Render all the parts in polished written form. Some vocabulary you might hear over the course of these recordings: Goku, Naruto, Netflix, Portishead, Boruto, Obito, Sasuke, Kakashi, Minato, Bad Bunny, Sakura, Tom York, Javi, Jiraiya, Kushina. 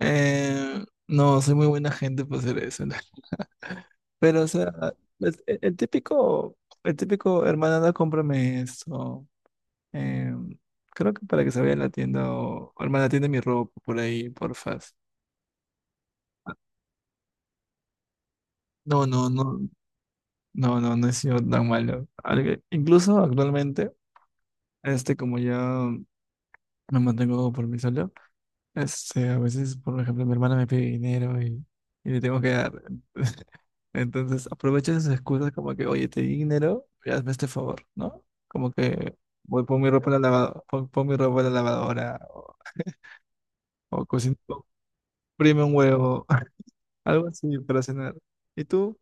No, soy muy buena gente para hacer eso, ¿no? Pero, o sea, el, el- el típico, el típico, hermana, no cómprame esto. Eh, Creo que para que se vaya a la tienda o, hermana, tienda mi ropa por ahí, porfas. No, no, no, no, no, no he sido tan malo. Incluso actualmente, como ya me mantengo por mí solo, a veces, por ejemplo, mi hermana me pide dinero y le tengo que dar. Entonces, aprovecho esas excusas como que, oye, te di dinero, y hazme este favor, ¿no? Como que voy, pon mi ropa en la lavadora, pon mi ropa en la lavadora, o cocina, o prime un huevo, algo así para cenar. Y tú,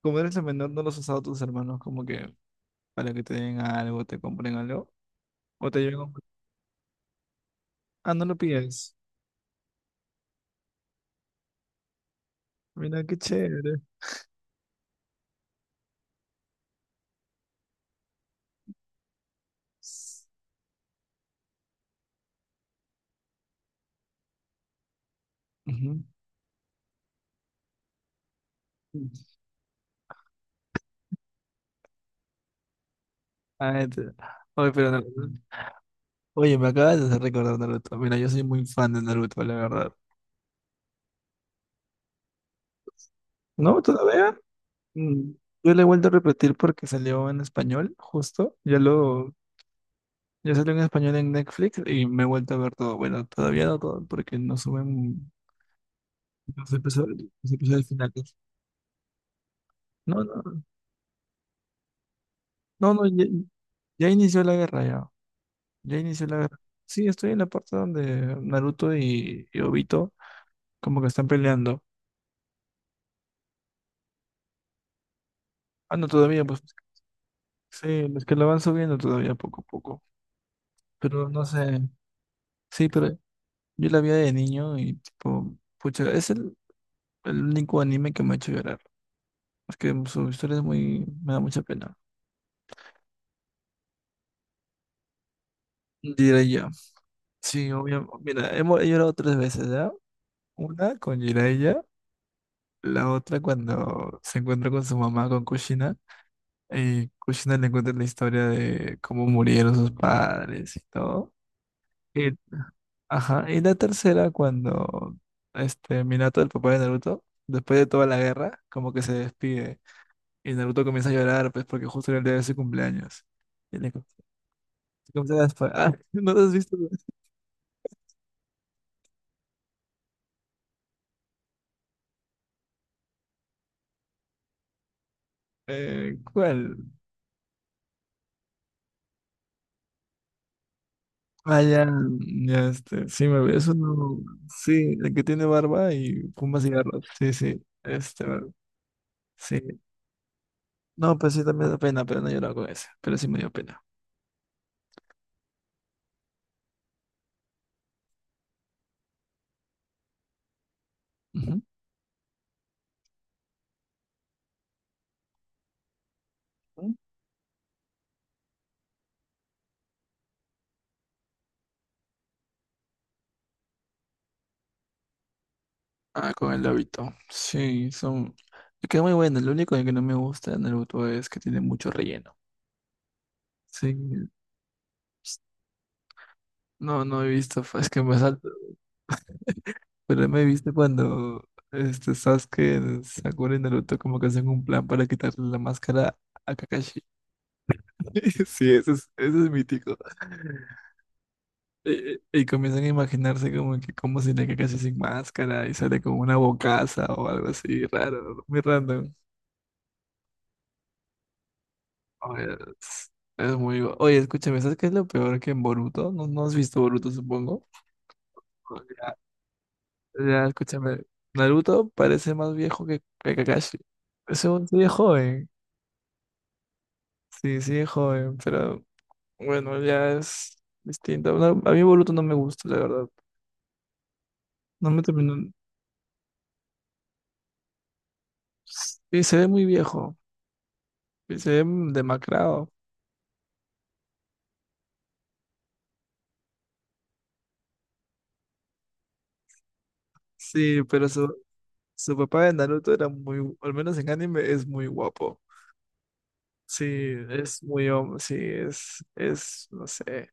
como eres el menor, ¿no los has usado a tus hermanos como que para que te den algo, te compren algo? ¿O te llegan? Ah, no lo pides. Mira, qué chévere. Ujú. Ah, Oye, pero Oye, me acabas de hacer recordar Naruto. Mira, yo soy muy fan de Naruto, la verdad. ¿No? ¿Todavía? Mm, Yo le he vuelto a repetir porque salió en español, justo. Ya lo. Ya salió en español en Netflix y me he vuelto a ver todo. Bueno, todavía no todo porque no suben los episodios finales. No, no, no, no, ya, ya inició la guerra ya. Ya inició la guerra. Sí, estoy en la parte donde Naruto y Obito como que están peleando. Ah, no, todavía, pues. Sí, los que la van subiendo todavía poco a poco. Pero no sé. Sí, pero yo la vi de niño y tipo, pucha, es el único anime que me ha hecho llorar. Es que su historia es muy, me da mucha pena. Jiraiya. Sí, obviamente. Mira, hemos he llorado tres veces, ¿ya? Una con Jiraiya, la otra cuando se encuentra con su mamá, con Kushina, y Kushina le cuenta la historia de cómo murieron sus padres y todo. Ajá, y la tercera, cuando este Minato, el papá de Naruto, después de toda la guerra, como que se despide. Y Naruto comienza a llorar, pues, porque justo era el día de su cumpleaños. Y le comienza. Ah, ¿no lo has visto? ¿Cuál? Ah, ya, ya, sí, me eso no. Sí, el que tiene barba y fuma cigarros. Sí, sí, sí. No, pues sí, también me da pena, pero no he llorado con ese. Pero sí me dio pena. Ujú. Ah, con el hábito. Sí, son. Me queda muy bueno. Lo único que no me gusta de Naruto es que tiene mucho relleno. Sí. No, no he visto, es que me salto. Pero me viste cuando Sasuke, Sakura y Naruto como que hacen un plan para quitarle la máscara a Kakashi. Sí, eso es mítico. Y comienzan a imaginarse como que cómo sería Kakashi sin máscara y sale como una bocaza o algo así raro, muy random. Oye, Es, es muy. Oye, escúchame, ¿sabes qué es lo peor que en Boruto? No, no has visto Boruto, supongo. Ya, ya, escúchame. Naruto parece más viejo que Kakashi. Según sigue joven. Sí, sigue joven, pero bueno, ya es distinto. No, a mí Boruto no me gusta, la verdad. No me terminó. Sí, se ve muy viejo. Y se ve demacrado. Sí, pero su papá de Naruto era muy, al menos en anime, es muy guapo. Sí, es muy hombre, sí, no sé,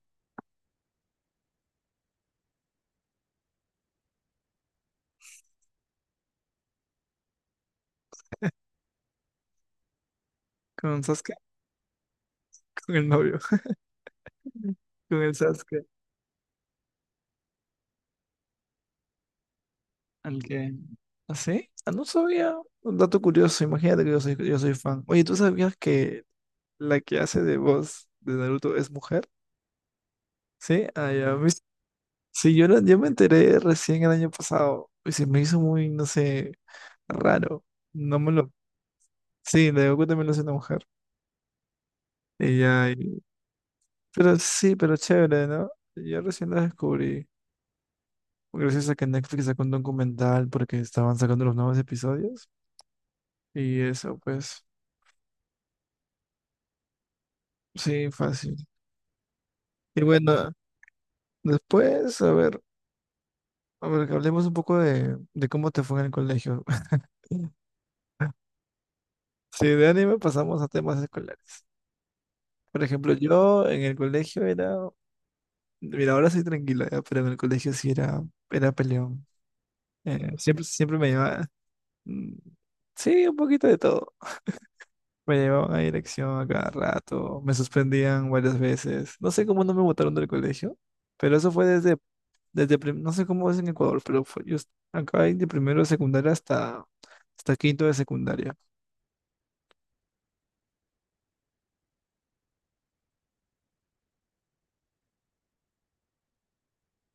con Sasuke, con el novio, con el Sasuke, al que, ¿ah, sí? Ah, no sabía, un dato curioso, imagínate que yo soy fan. Oye, ¿tú sabías que la que hace de voz de Naruto es mujer? Sí, ah, ya, sí, yo me enteré recién el año pasado, y se me hizo muy, no sé, raro, no me lo, sí, de Goku también lo hace una mujer, y ya, pero sí, pero chévere, ¿no? Yo recién lo descubrí. Gracias a que Netflix sacó un documental porque estaban sacando los nuevos episodios. Y eso, pues, sí, fácil. Y bueno, después, a ver, que hablemos un poco de cómo te fue en el colegio. Sí, de anime pasamos a temas escolares. Por ejemplo, yo en el colegio era, mira, ahora soy tranquilo, ya, pero en el colegio sí era peleón. Siempre me llevaba, mm, sí, un poquito de todo. Me llevaban a dirección a cada rato, me suspendían varias veces. No sé cómo no me botaron del colegio, pero eso fue no sé cómo es en Ecuador, pero fue, acá hay de primero de secundaria hasta quinto de secundaria.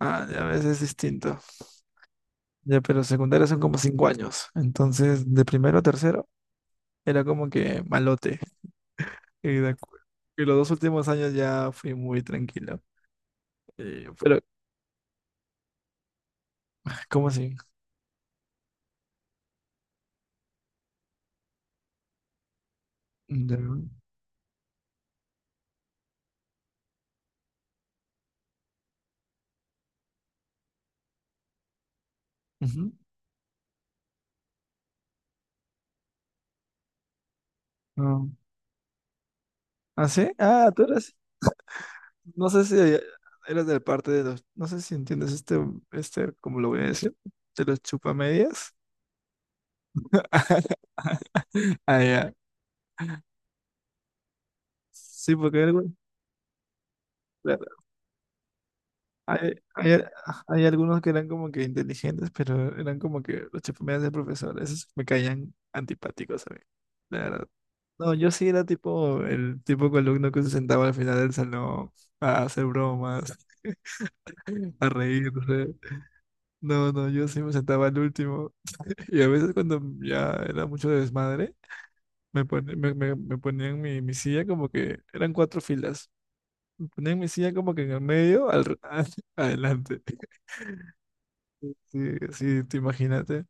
Ah, ya ves, es distinto. Ya, pero secundaria son como 5 años. Entonces, de primero a tercero era como que malote. Y, de acu- y los 2 últimos años ya fui muy tranquilo. Pero, ¿cómo así? Ya. Ujú. No. ¿Ah, sí? Ah, tú eras. No sé si eres de parte de los, no sé si entiendes ¿cómo lo voy a decir? De los chupamedias. Ah, ya. Sí, porque claro, hay, hay- hay algunos que eran como que inteligentes, pero eran como que los chupamedias del profesor. Esos me caían antipáticos a mí, la verdad. No, yo sí era tipo el tipo de alumno que se sentaba al final del salón a hacer bromas, a reírse. No, no, no, yo sí me sentaba al último. Y a veces cuando ya era mucho desmadre, me, pone- me ponían mi silla como que eran cuatro filas. Me ponían mi silla como que en el medio, adelante. Sí, sí, te imagínate.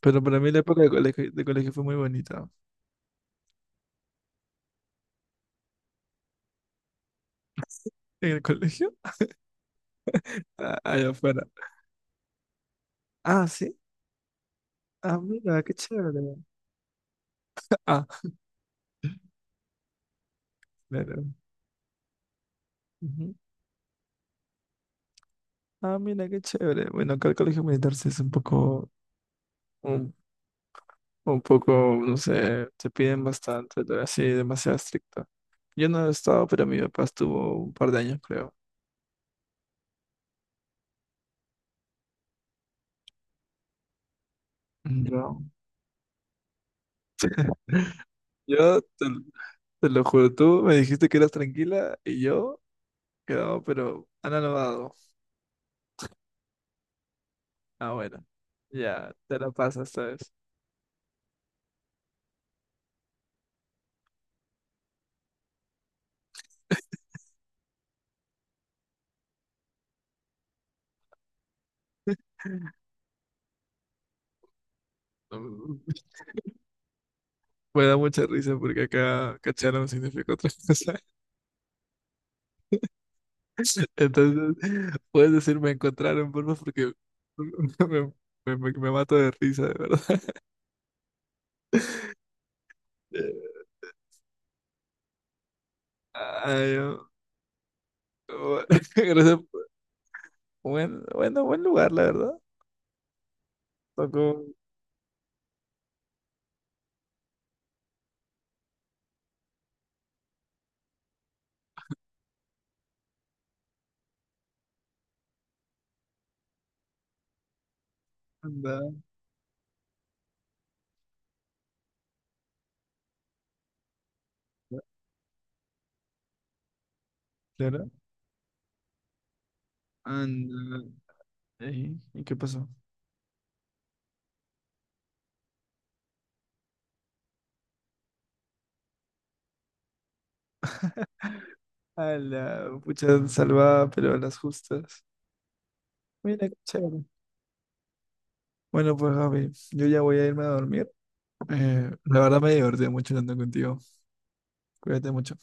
Pero para mí la época de colegio fue muy bonita. ¿En el colegio? Ah, allá afuera. Ah, sí. Ah, mira, qué chévere. Ah, claro. Ujú. Ah, mira, qué chévere. Bueno, acá el colegio militar sí es un poco, no sé, te piden bastante, así, demasiado estricto. Yo no he estado, pero mi papá estuvo un par de años, creo. No, yo te lo juro, tú me dijiste que eras tranquila y yo quedaba pero anonadado. Ah, bueno, ya, te la pasas, ¿sabes? Mm, Me da mucha risa porque acá cacharon significa otra cosa. Entonces, puedes decir me encontraron, porfa, porque me, me mato de risa, de verdad. Ay, no. Bu- Gracias. Buen lugar, la verdad. Tocó. Anda, anda, claro. Anda. Ey, ¿y qué pasó? A la pucha salvada, pero a las justas. Mira, qué chévere. Bueno, pues Javi, yo ya voy a irme a dormir. La verdad me divertí mucho hablando contigo. Cuídate mucho.